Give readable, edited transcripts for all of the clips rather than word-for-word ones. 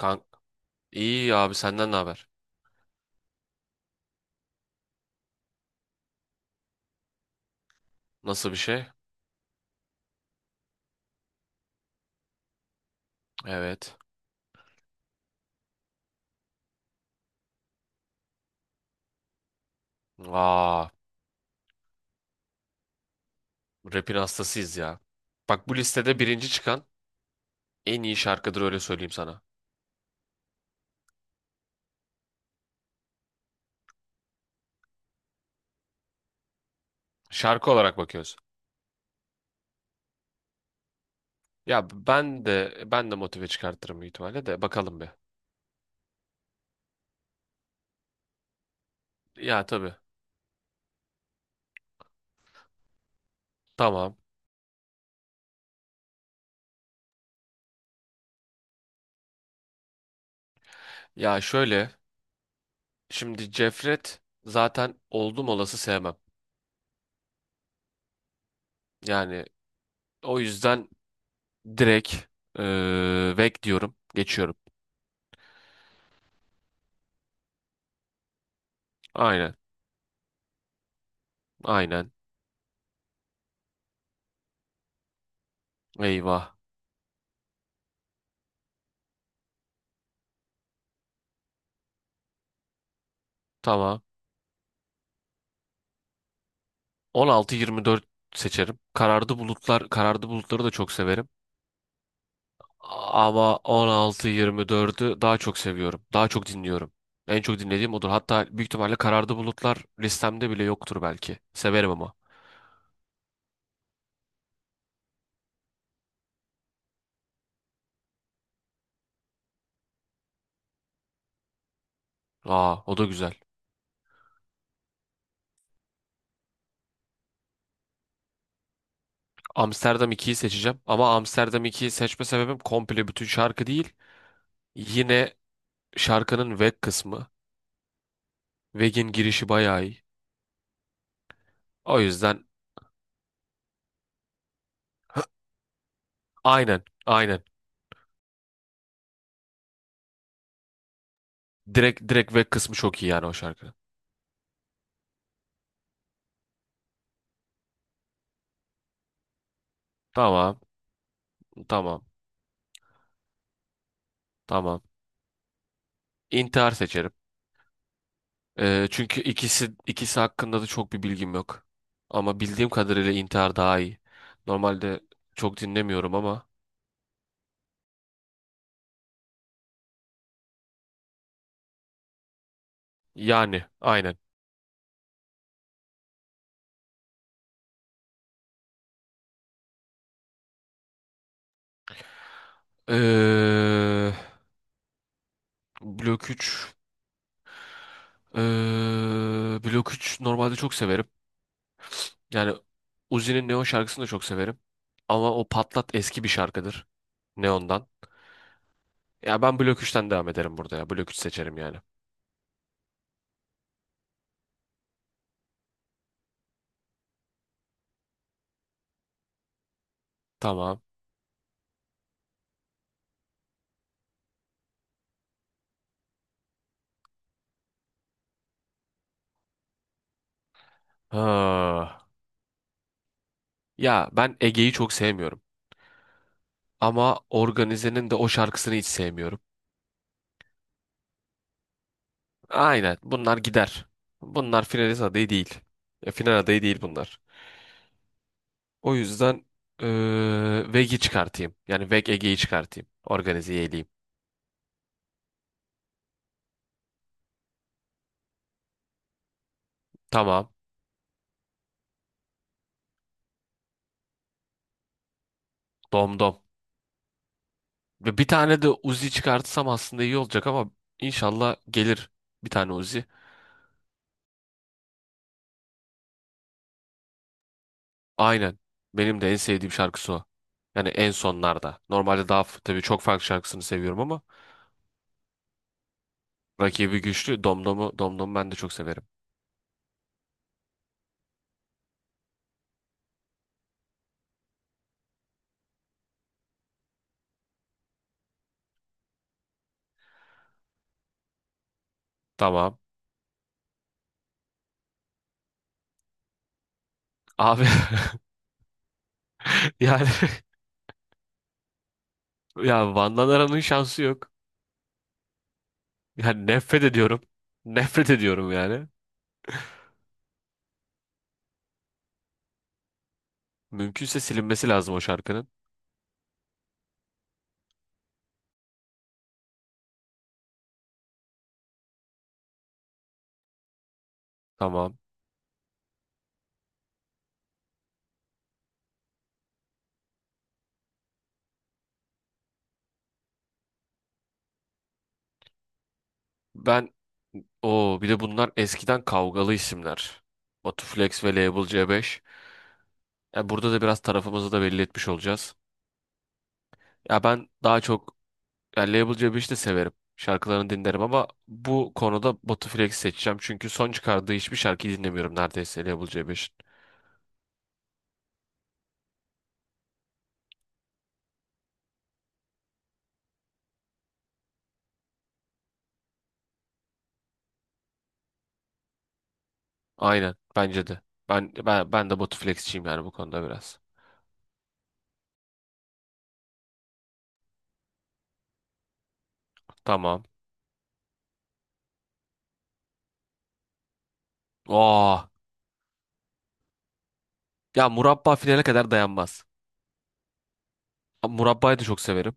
Kank iyi abi senden ne haber? Nasıl bir şey? Evet. Aa, rap'in hastasıyız ya. Bak bu listede birinci çıkan en iyi şarkıdır, öyle söyleyeyim sana. Şarkı olarak bakıyoruz. Ya ben de motive çıkartırım büyük ihtimalle de, bakalım bir. Ya tabii. Tamam. Ya şöyle, şimdi Cefret zaten oldum olası sevmem. Yani o yüzden direkt vek diyorum. Geçiyorum. Aynen. Aynen. Eyvah. Tamam. 16-24 seçerim. Karardı bulutlar, karardı bulutları da çok severim. Ama 16-24'ü daha çok seviyorum. Daha çok dinliyorum. En çok dinlediğim odur. Hatta büyük ihtimalle karardı bulutlar listemde bile yoktur belki. Severim ama. Aa, o da güzel. Amsterdam ikiyi seçeceğim. Ama Amsterdam ikiyi seçme sebebim komple bütün şarkı değil. Yine şarkının Weg kısmı. Weg'in girişi bayağı iyi. O yüzden aynen, aynen. Direkt direkt Weg kısmı çok iyi yani o şarkının. Tamam, tamam. Tamam. İntihar seçerim. Çünkü ikisi hakkında da çok bir bilgim yok. Ama bildiğim kadarıyla intihar daha iyi. Normalde çok dinlemiyorum ama yani aynen. Ee, Blok 3 ee, Blok 3 normalde çok severim. Yani Uzi'nin Neon şarkısını da çok severim. Ama o Patlat eski bir şarkıdır. Neon'dan. Ya ben Blok 3'ten devam ederim burada ya. Blok 3 seçerim yani. Tamam. Ha. Ya ben Ege'yi çok sevmiyorum. Ama Organize'nin de o şarkısını hiç sevmiyorum. Aynen, bunlar gider. Bunlar finalist adayı değil. Final adayı değil bunlar. O yüzden Veg'i çıkartayım. Yani Veg Ege'yi çıkartayım. Organize'yi eleyeyim. Tamam. Domdom. Ve bir tane de Uzi çıkartsam aslında iyi olacak ama inşallah gelir bir tane Uzi. Aynen. Benim de en sevdiğim şarkısı o. Yani en sonlarda. Normalde daha tabii çok farklı şarkısını seviyorum ama rakibi güçlü. Domdom'u ben de çok severim. Tamam. Abi yani ya Van Danara'nın şansı yok. Yani nefret ediyorum. Nefret ediyorum yani. Mümkünse silinmesi lazım o şarkının. Tamam. Ben bir de bunlar eskiden kavgalı isimler. Batuflex ve Label C5. Ya burada da biraz tarafımızı da belli etmiş olacağız. Ya ben daha çok, ya Label C5'i de severim. Şarkılarını dinlerim ama bu konuda Batuflex seçeceğim. Çünkü son çıkardığı hiçbir şarkıyı dinlemiyorum neredeyse Label C5'in. Aynen bence de. Ben de Botuflex'çiyim yani bu konuda biraz. Tamam. Aa, ya murabba finale kadar dayanmaz. Ama Murabbayı da çok severim.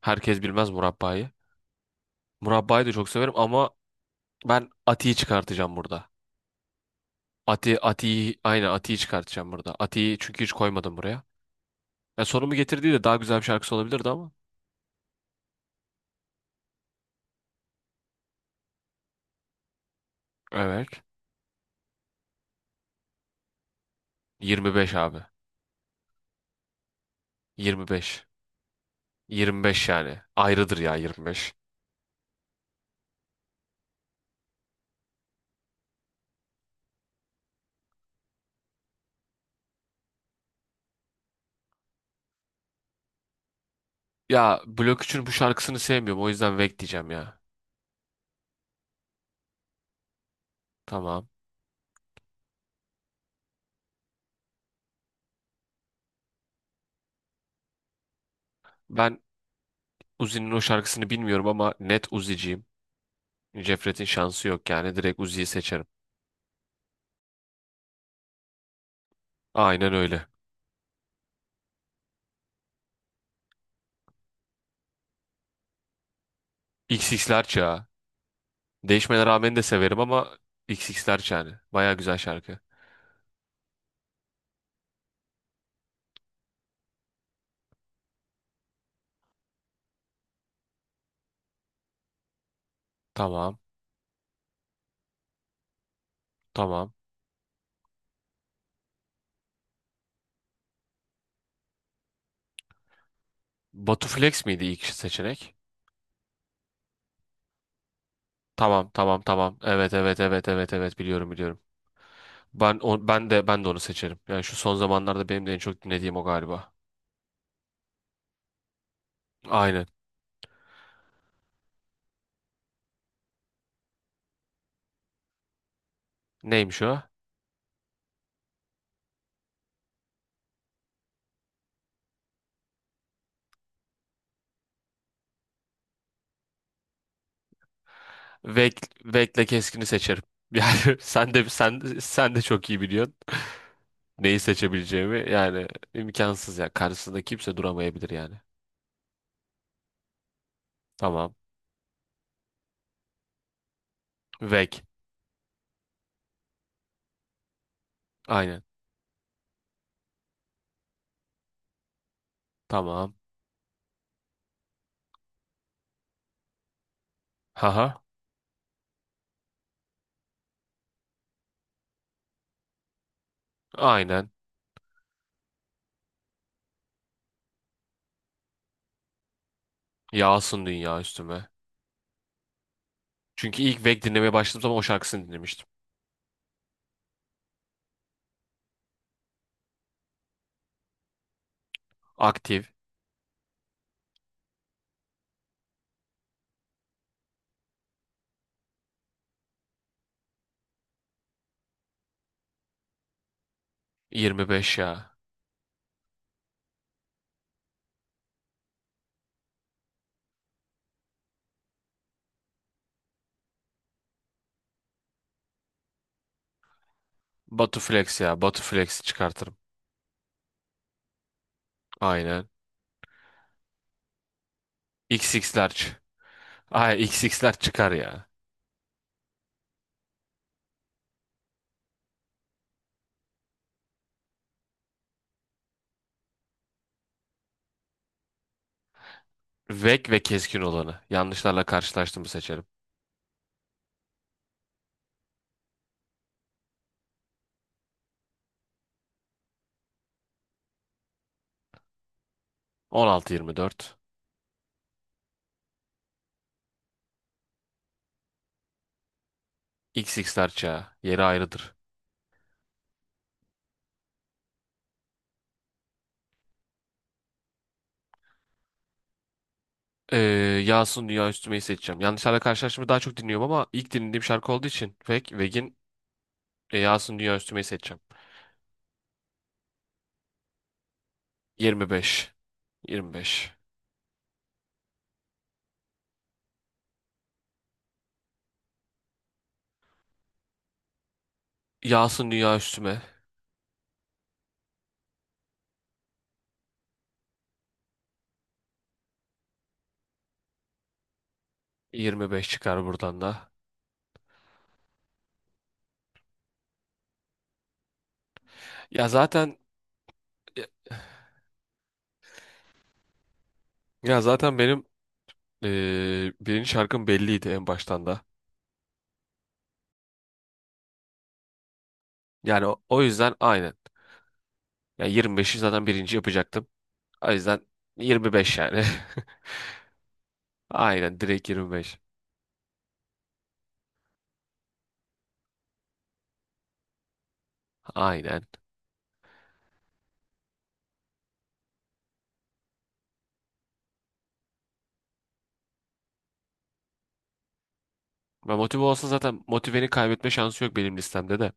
Herkes bilmez murabbayı. Murabbayı da çok severim ama ben Ati'yi çıkartacağım burada. Ati'yi aynen Ati'yi çıkartacağım burada. Ati'yi çünkü hiç koymadım buraya. Ya sonumu getirdiği de daha güzel bir şarkısı olabilirdi ama. Evet. 25 abi. 25. 25 yani. Ayrıdır ya 25. Ya Blok 3'ün bu şarkısını sevmiyorum. O yüzden Vek diyeceğim ya. Tamam. Ben Uzi'nin o şarkısını bilmiyorum ama net Uzi'ciyim. Cefret'in şansı yok yani direkt Uzi'yi seçerim. Aynen öyle. XX'ler çağı. Değişmene rağmen de severim ama XX'ler çağı. Baya güzel şarkı. Tamam, tamam. Batu Flex miydi ilk seçenek? Tamam, tamam, tamam. Evet, evet, evet, evet, evet, biliyorum. Ben de onu seçerim. Yani şu son zamanlarda benim de en çok dinlediğim o galiba. Aynen. Neymiş o? Vek, Vek'le Keskin'i seçerim. Yani sen de çok iyi biliyorsun. Neyi seçebileceğimi yani imkansız ya. Karşısında kimse duramayabilir yani. Tamam. Vek. Aynen. Tamam. Haha. Aynen. Yağsın dünya üstüme. Çünkü ilk Vek dinlemeye başladığım zaman o şarkısını dinlemiştim. Aktif. 25 ya. Batu Flex ya. Batu Flex'i çıkartırım. Aynen. XX'ler. Ay X xler çıkar ya. Vek ve keskin olanı. Yanlışlarla karşılaştığımı seçerim. 16-24. XX'ler çağı. Yeri ayrıdır. Ee, Yağsın Dünya Üstüme'yi seçeceğim. Yanlışlarla karşılaşmayı daha çok dinliyorum ama ilk dinlediğim şarkı olduğu için Yağsın Dünya Üstüme'yi seçeceğim. 25. 25. Yağsın Dünya Üstüme. 25 çıkar buradan da. Ya zaten, benim birinci şarkım belliydi en baştan da. Yani o yüzden aynen. Ya 25'i zaten birinci yapacaktım. O yüzden 25 yani. Aynen, direkt 25. Aynen. Ve motive olsa zaten motiveni kaybetme şansı yok benim listemde de.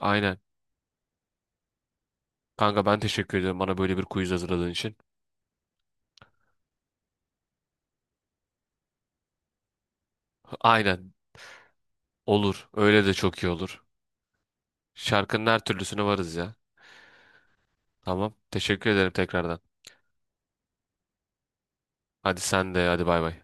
Aynen. Kanka ben teşekkür ederim bana böyle bir quiz hazırladığın için. Aynen. Olur. Öyle de çok iyi olur. Şarkının her türlüsüne varız ya. Tamam. Teşekkür ederim tekrardan. Hadi sen de, hadi bay bay.